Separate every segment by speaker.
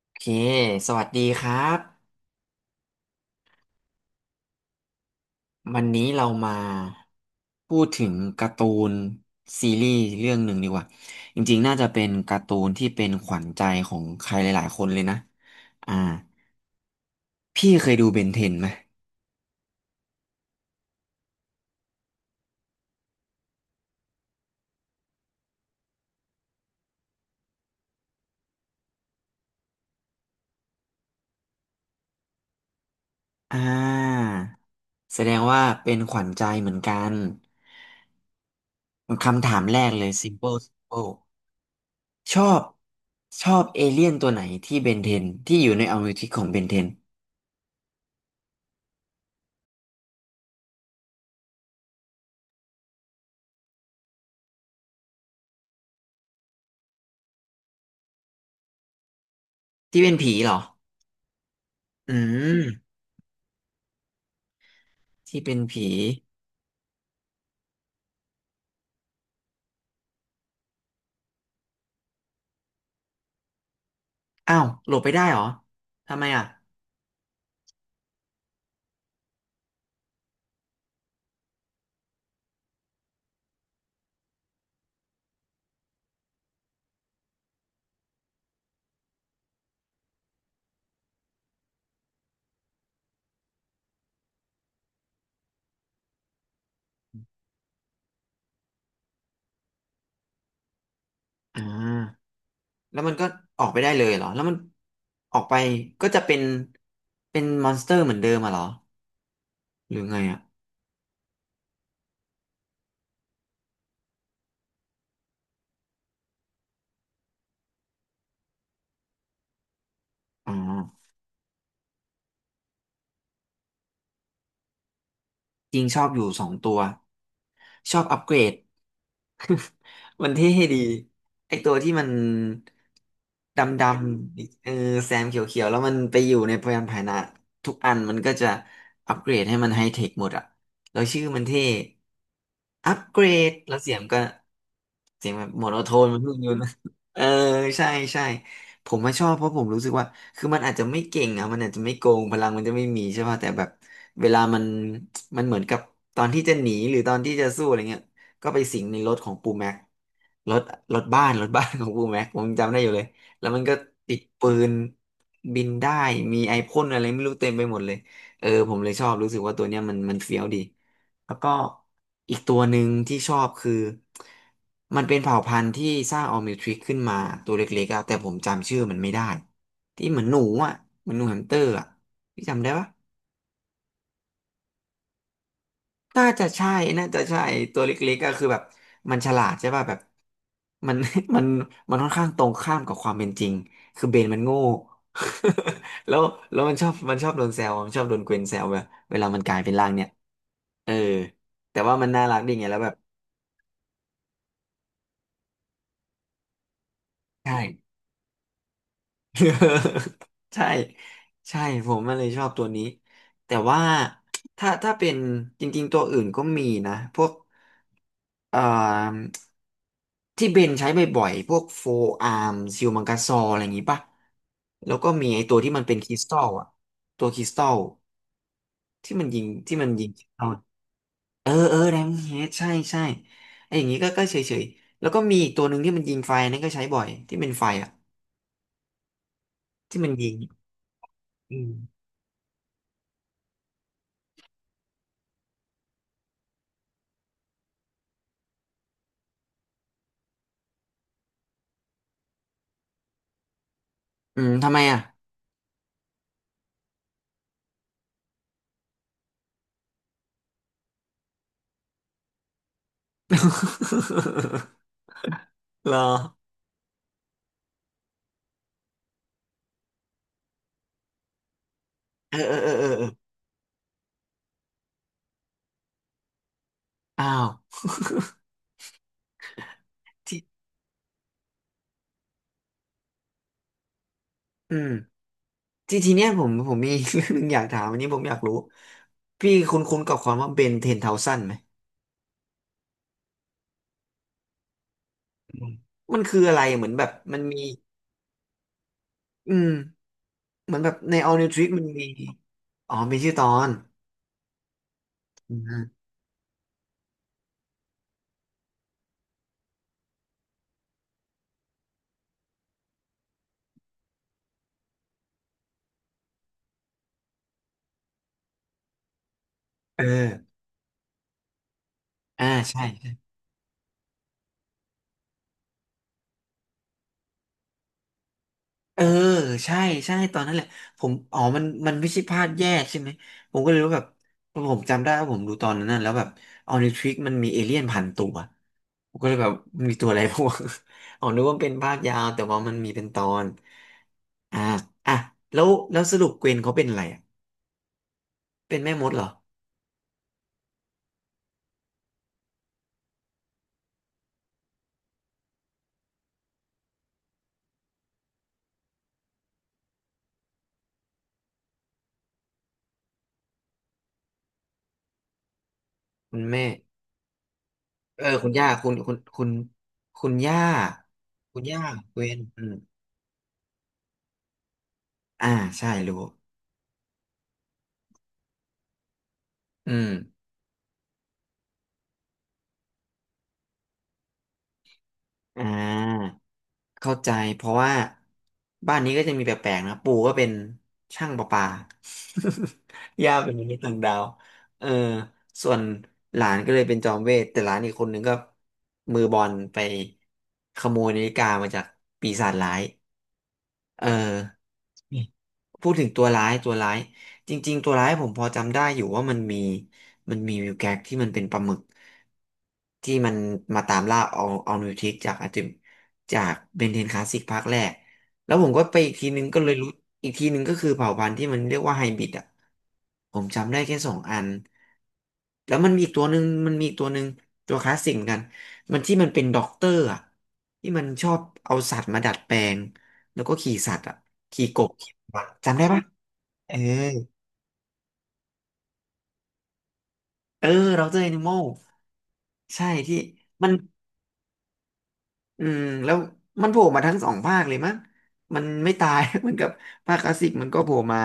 Speaker 1: โอเค สวัสดีครับ วันนี้เรามาพูดถึงการ์ตูนซีรีส์เรื่องหนึ่งดีกว่าจริงๆ น่าจะเป็นการ์ตูนที่เป็นขวัญใจของใครหลายๆคนเลยนะ อ่า พี่เคยดูเบนเทนไหม อ่า แสดงว่าเป็นขวัญใจเหมือนกันคำถามแรกเลย simple simple ชอบชอบเอเลี่ยนตัวไหนที่เบนเทนที่อยู่ในอเมริกาของเบนเทนที่เป็นผีเหรอ อืม ที่เป็นผี อ้าวโหลบไปได้เหรอทำไมอ่ะอ่าแล้วมันก็ออกไปได้เลยเหรอแล้วมันออกไปก็จะเป็นมอนสเตอร์เหมือนเดิมอ่ะเหรอหรือไงอ่ะอ๋อ จริงชอบอยู่สองตัวชอบอัปเกรด มันเท่ดีไอตัวที่มันดำแซมเขียวๆแล้วมันไปอยู่ในพยานพาหนะทุกอันมันก็จะอัปเกรดให้มันไฮเทคหมดอะแล้วชื่อมันเท่อัปเกรดแล้วเสียงก็เสียงแบบโมโนโทนมันเพิ่งอยูนะ เออใช่ใช่ ผมมาชอบเพราะผมรู้สึกว่าคือมันอาจจะไม่เก่งอ่ะมันอาจจะไม่โกง พลังมันจะไม่มีใช่ป่ะแต่แบบเวลามันเหมือนกับตอนที่จะหนีหรือตอนที่จะสู้อะไรเงี้ยก็ไปสิงในรถของปูแม็กรถรถบ้านรถบ้าน ของปูแม็กผมจำได้อยู่เลย แล้วมันก็ติดปืนบินได้มีไอพ่นอะไรไม่รู้เต็มไปหมดเลยเออผมเลยชอบรู้สึกว่าตัวเนี้ยมันเฟี้ยวดี แล้วก็อีกตัวหนึ่งที่ชอบคือมันเป็นเผ่าพันธุ์ที่สร้างออร์มิวทริกขึ้นมาตัวเล็กๆอะแต่ผมจำชื่อมันไม่ได้ที่เหมือนหนูอ่ะเหมือนหนูแฮมสเตอร์อ่ะพี่จำได้ปะน่าจะใช่น่าจะใช่ตัวเล็กๆก็คือแบบมันฉลาดใช่ป่ะแบบมัน มันมันค่อนข้างตรงข้ามกับความเป็นจริงคือเบนมันโง่ แล้วแล้วมันชอบโดนแซวมันชอบโดนเกวนแซวแบบเวลามันกลายเป็นร่างเนี่ยเออแต่ว่ามันน่ารักดีไงแล้วแบบใช่ ใช่ใช่ผมมันเลยชอบตัวนี้แต่ว่าถ้าเป็นจริงๆตัวอื่นก็มีนะพวกเอ่อที่เบนใช้บ่อยๆพวกโฟอาร์มซิลมังกาซออะไรอย่างงี้ป่ะแล้วก็มีไอ้ตัวที่มันเป็นคริสตัลอะตัวคริสตัลที่มันยิงคริสตัลเออเออแดมเฮดใช่ใช่ไอ้อย่างงี้ก็เฉยๆแล้วก็มีอีกตัวหนึ่งที่มันยิงไฟนั่นก็ใช้บ่อยที่เป็นไฟอะที่มันยิงอืมอืมทำไมอะ เหรอเออเออเออเออเออ อ้าวที่อืมที่ทีเนี้ยผมมี เรื่องหนึงอยากถามอันนี้ผมอยากรู้พี่คุ้นคุ้นกับความว่าเบนเทนเทาซันไหมอืมมันคืออะไรเหมือนแบบมันมี อืมเหมือนแบบใน All New Trick มันมี อ๋อมีชื่อตอนอืมเอออ่าใช่ เออใช่ใช่ตอนนั้นแหละผมอ๋อมันไม่ใช่พลาดแยกใช่ไหมผมก็เลยรู้แบบผมจำได้ว่าผมดูตอนนั้นน่ะแล้วแบบออนิทริกมันมีเอเลี่ยนพันตัว ผมก็เลยแบบมันมีตัวอะไรพวก อ๋อนึกว่ามันเป็นภาคยาวแต่ว่ามันมีเป็นตอน อ่าอ่ะแล้วสรุปเกวนเขาเป็นอะไรอ่ะ เป็นแม่มดเหรอคุณแม่ เออคุณย่าคุณคุณย่าคุณย่าเกวนอืมอ่าใช่รู้ อืม อ่า เข้าใจเพราะว่าบ้านนี้ก็จะมีแปลกๆนะปู่ก็เป็นช่างประปา ย่าเป็นมนุษย์ต่างดาวเออส่วนหลานก็เลยเป็นจอมเวทแต่หลานอีกคนหนึ่งก็มือบอลไปขโมยนาฬิกามาจากปีศาจร้ายเออ พูดถึงตัวร้ายจริงๆตัวร้ายผมพอจำได้อยู่ว่ามันมีมันมีวิวแก๊กที่มันเป็นปลาหมึกที่มันมาตามล่าเอานิวทิกจากอาจิมจากเบนเทนคลาสสิกภาคแรกแล้วผมก็ไปอีกทีนึงก็เลยรู้อีกทีนึงก็คือเผ่าพันธุ์ที่มันเรียกว่าไฮบริดอ่ะผมจำได้แค่สองอันแล้วมันมีอีกตัวหนึ่งมันมีอีกตัวหนึ่งตัวคลาสสิกเหมือนกันที่มันเป็นด็อกเตอร์อ่ะที่มันชอบเอาสัตว์มาดัดแปลงแล้วก็ขี่สัตว์อ่ะขี่กบ จำได้ปะเออเออเราเจอ animal ใช่ที่มันอืมแล้วมันโผล่มาทั้งสองภาคเลยมั้งมันไม่ตาย เหมือนกับภาคคลาสสิกมันก็โผล่มา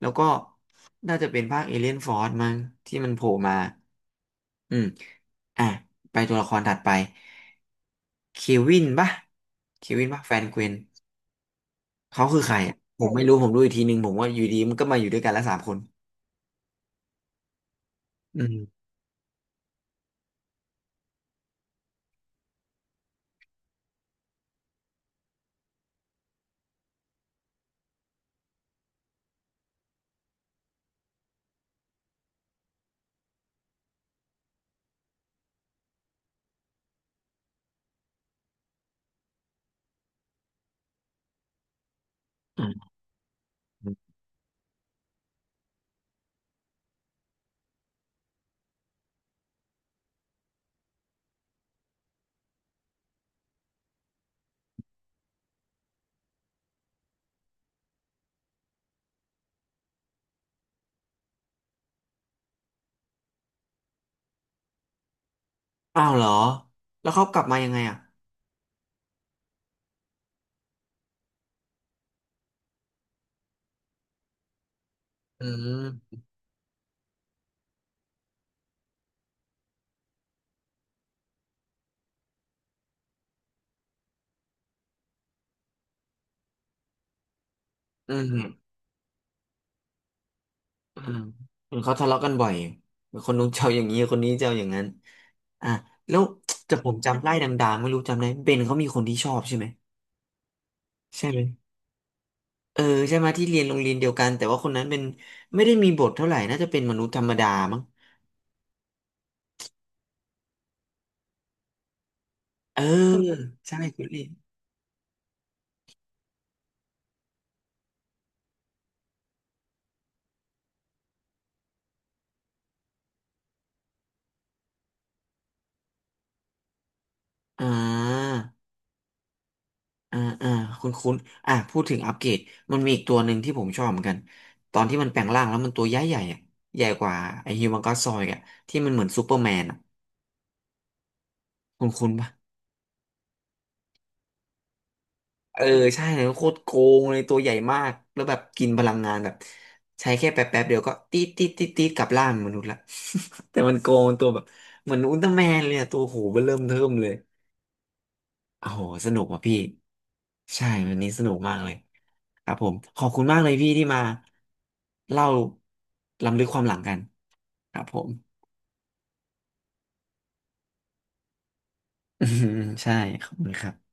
Speaker 1: แล้วก็น่าจะเป็นภาคเอเลียนฟอร์มั้งที่มันโผล่มาอืมอ่ะไปตัวละครถัดไปเควินปะเควินปะแฟนเกวนเขาคือใครอ่ะผมไม่รู้ผมดูอีกทีนึงผมว่าอยู่ดีมันก็มาอยู่ด้วยกันแล้วสามคนอืมอืม อ้าวเหรอแล้วเขากลับมายังไงอ่ะอืมอืมอืมเห็นเขาทะเลาะกันบ่อยคนนู้นเจ้าอย่างนี้คนนี้เจ้าอย่างนั้นอ่ะแล้วแต่ผมจำไล่ดังๆไม่รู้จำได้เบนเขามีคนที่ชอบใช่ไหมใช่ไหมเออใช่ไหมที่เรียนโรงเรียนเดียวกันแต่ว่าคนนั้นเป็นไม่ได้มีบทเท่าไหร่น่าจะเป็นมนุษย์ธรรมดามั้งเออใช่คุณลี่อ่า อ่าอ่าคุณอ่าพูดถึงอัปเกรดมันมีอีกตัวหนึ่งที่ผมชอบเหมือนกันตอนที่มันแปลงร่างแล้วมันตัวใหญ่อะใหญ่กว่าไอ้ฮิวแมนก็อดซอยด์อ่ะที่มันเหมือนซูเปอร์แมนอ่ะคุณปะเออใช่เลยโคตรโกงเลยตัวใหญ่มากแล้วแบบกินพลังงานแบบใช้แค่แป๊บเดียวก็ตีดตีดตีดตีดกลับร่างมนุษย์ละ แต่มันโกงตัวแบบเหมือนอุลตร้าแมนเลยอะตัวโหเบ้อเริ่มเทิ่มเลย โอ้โห สนุกว่ะพี่ ใช่ วันนี้สนุกมากเลยครับผม ขอบคุณมากเลยพี่ที่มาเล่าล้ำลึกความหลังกันครับผม อืมใช่ขอบคุณครับ